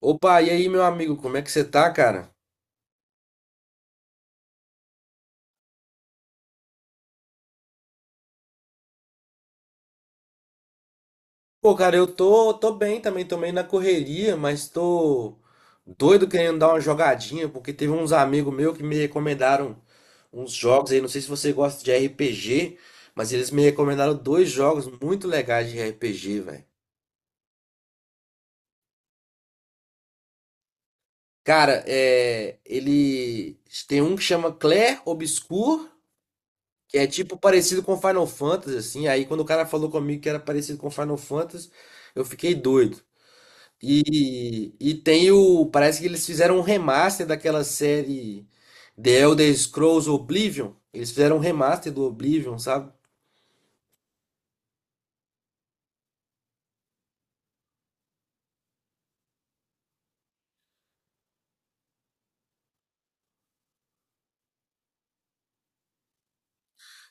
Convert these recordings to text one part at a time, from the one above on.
Opa, e aí, meu amigo, como é que você tá, cara? Pô, cara, eu tô bem também, tô meio na correria, mas tô doido querendo dar uma jogadinha, porque teve uns amigos meus que me recomendaram uns jogos aí, não sei se você gosta de RPG, mas eles me recomendaram dois jogos muito legais de RPG, velho. Cara, ele tem um que chama Clair Obscur, que é tipo parecido com Final Fantasy, assim, aí quando o cara falou comigo que era parecido com Final Fantasy, eu fiquei doido. E tem o. Parece que eles fizeram um remaster daquela série The Elder Scrolls Oblivion. Eles fizeram um remaster do Oblivion, sabe?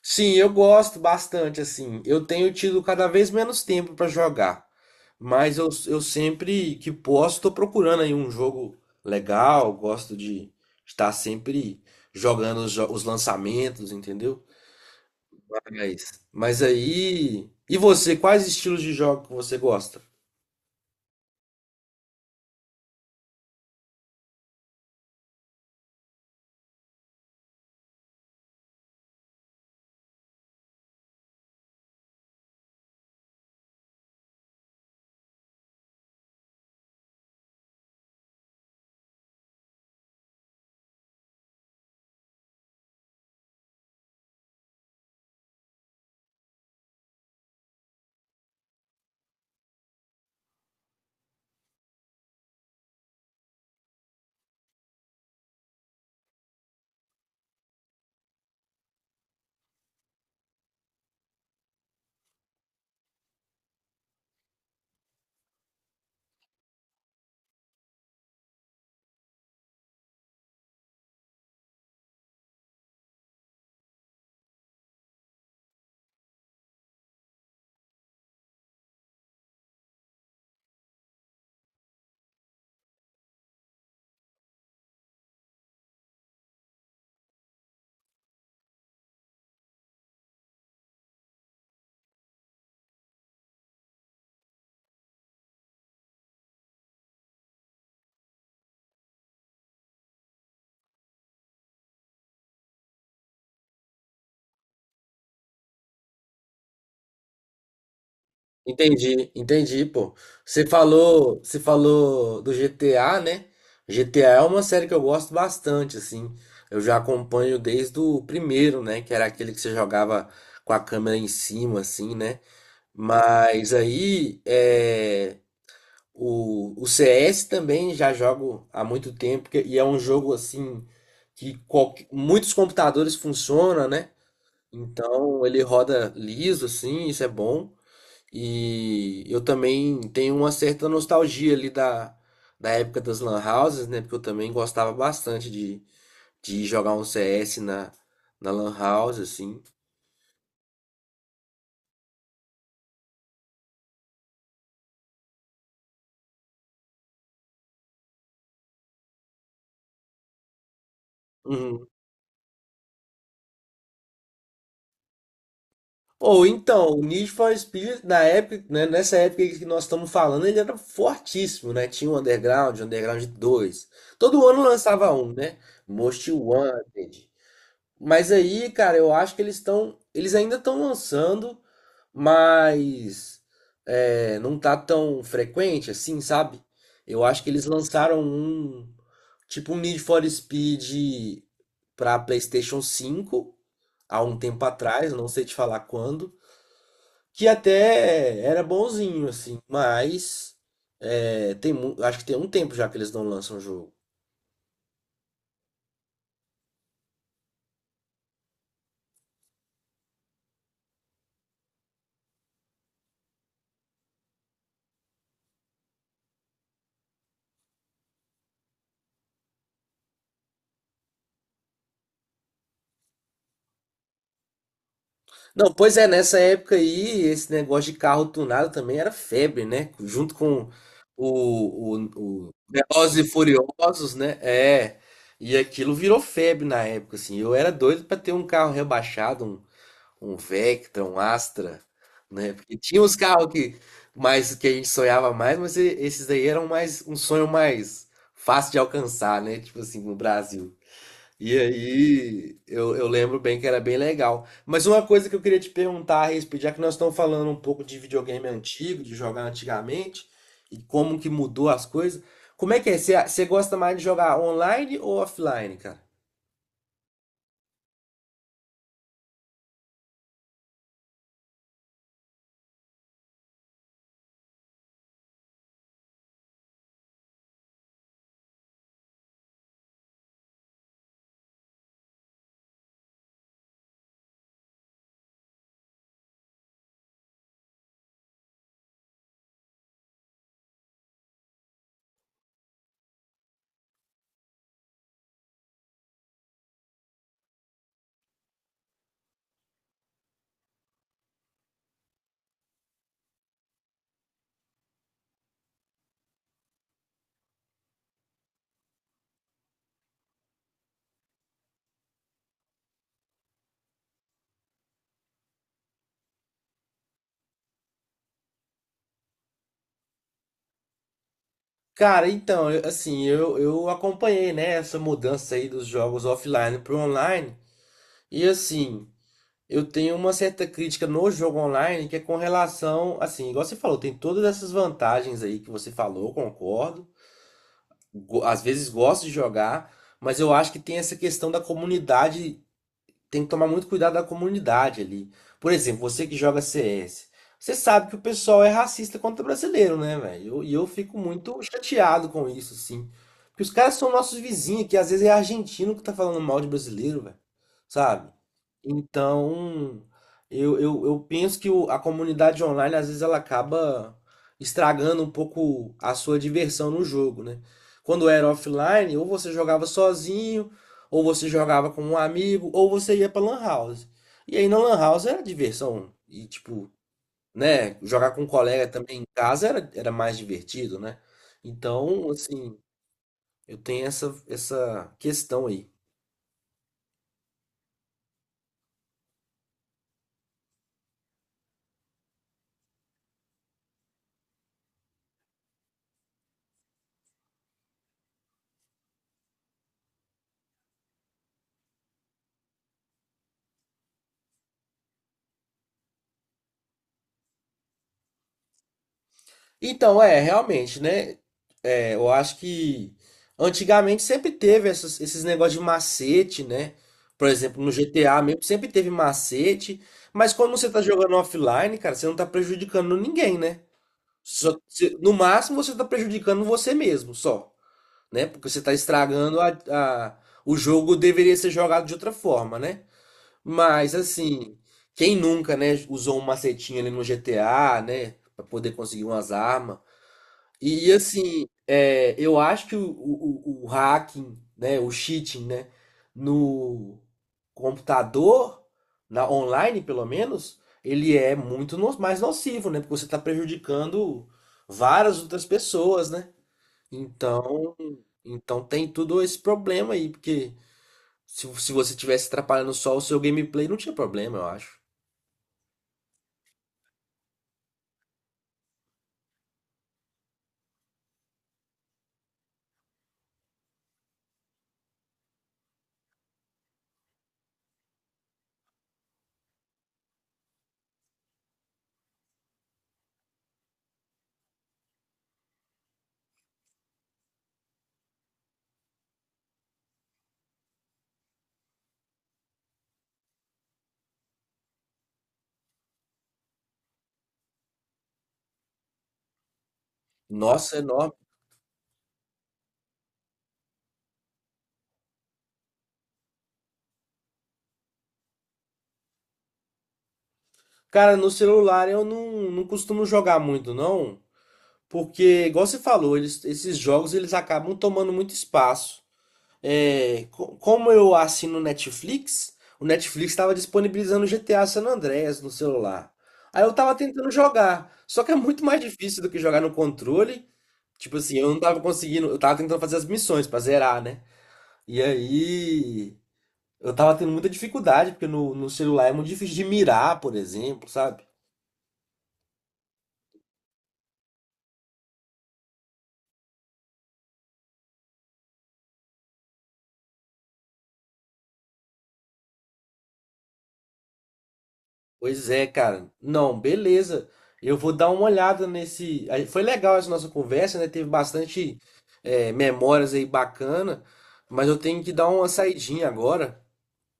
Sim, eu gosto bastante, assim. Eu tenho tido cada vez menos tempo pra jogar. Mas eu sempre que posso, tô procurando aí um jogo legal. Gosto de estar sempre jogando os lançamentos, entendeu? Mas aí. E você, quais estilos de jogo que você gosta? Entendi, entendi, pô. Você falou do GTA, né? GTA é uma série que eu gosto bastante, assim. Eu já acompanho desde o primeiro, né? Que era aquele que você jogava com a câmera em cima, assim, né? Mas aí, o CS também já jogo há muito tempo e é um jogo, assim, que muitos computadores funcionam, né? Então ele roda liso, assim, isso é bom. E eu também tenho uma certa nostalgia ali da época das lan houses, né? Porque eu também gostava bastante de ir jogar um CS na lan house, assim. Uhum. Ou então, o Need for Speed, na época, né, nessa época que nós estamos falando, ele era fortíssimo, né? Tinha o Underground dois. Todo ano lançava um, né? Most Wanted. Mas aí, cara, eu acho que eles ainda estão lançando, mas é, não tá tão frequente assim, sabe? Eu acho que eles lançaram um, tipo um Need for Speed pra PlayStation 5 há um tempo atrás, eu não sei te falar quando, que até era bonzinho assim, mas é, acho que tem um tempo já que eles não lançam o jogo. Não, pois é, nessa época aí, esse negócio de carro tunado também era febre, né? Junto com o Velozes e Furiosos, né? É. E aquilo virou febre na época, assim. Eu era doido pra ter um carro rebaixado, um Vectra, um Astra, né? Porque tinha uns carros que, mais, que a gente sonhava mais, mas esses daí eram mais um sonho mais fácil de alcançar, né? Tipo assim, no Brasil. E aí, eu lembro bem que era bem legal. Mas uma coisa que eu queria te perguntar a respeito, já que nós estamos falando um pouco de videogame antigo, de jogar antigamente, e como que mudou as coisas, como é que é? Você gosta mais de jogar online ou offline, cara? Cara, então, eu acompanhei, né, essa mudança aí dos jogos offline para online. E assim, eu tenho uma certa crítica no jogo online que é com relação, assim, igual você falou, tem todas essas vantagens aí que você falou, concordo. Às vezes gosto de jogar, mas eu acho que tem essa questão da comunidade, tem que tomar muito cuidado da comunidade ali. Por exemplo, você que joga CS, você sabe que o pessoal é racista contra brasileiro, né, velho? E eu fico muito chateado com isso, assim. Porque os caras são nossos vizinhos, que às vezes é argentino que tá falando mal de brasileiro, velho. Sabe? Então, eu penso que a comunidade online, às vezes, ela acaba estragando um pouco a sua diversão no jogo, né? Quando era offline, ou você jogava sozinho, ou você jogava com um amigo, ou você ia pra Lan House. E aí na Lan House era diversão. E tipo, né? Jogar com um colega também em casa era, era mais divertido, né? Então, assim, eu tenho essa, essa questão aí. Então, é, realmente, né? É, eu acho que antigamente sempre teve esses negócios de macete, né? Por exemplo, no GTA mesmo sempre teve macete. Mas quando você tá jogando offline, cara, você não tá prejudicando ninguém, né? Só que no máximo você está prejudicando você mesmo, só, né? Porque você está estragando o jogo deveria ser jogado de outra forma, né? Mas assim, quem nunca, né, usou um macetinho ali no GTA, né, para poder conseguir umas armas? E assim, é, eu acho que o hacking, né, o cheating, né, no computador, na online pelo menos, ele é muito mais nocivo, né, porque você está prejudicando várias outras pessoas, né? Então, então tem tudo esse problema aí, porque se você tivesse atrapalhando só o seu gameplay, não tinha problema, eu acho. Nossa, é enorme. Cara, no celular eu não costumo jogar muito, não. Porque, igual você falou, esses jogos eles acabam tomando muito espaço. É, como eu assino Netflix, o Netflix estava disponibilizando GTA San Andreas no celular. Aí eu tava tentando jogar, só que é muito mais difícil do que jogar no controle. Tipo assim, eu não tava conseguindo, eu tava tentando fazer as missões pra zerar, né? E aí eu tava tendo muita dificuldade, porque no celular é muito difícil de mirar, por exemplo, sabe? Pois é, cara. Não, beleza. Eu vou dar uma olhada nesse. Aí, foi legal essa nossa conversa, né? Teve bastante memórias aí bacana, mas eu tenho que dar uma saidinha agora.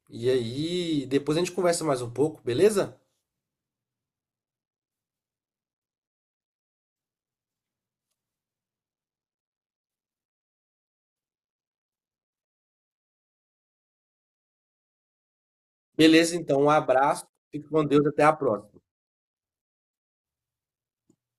E aí, depois a gente conversa mais um pouco, beleza? Beleza, então, um abraço, fique com Deus, até a próxima.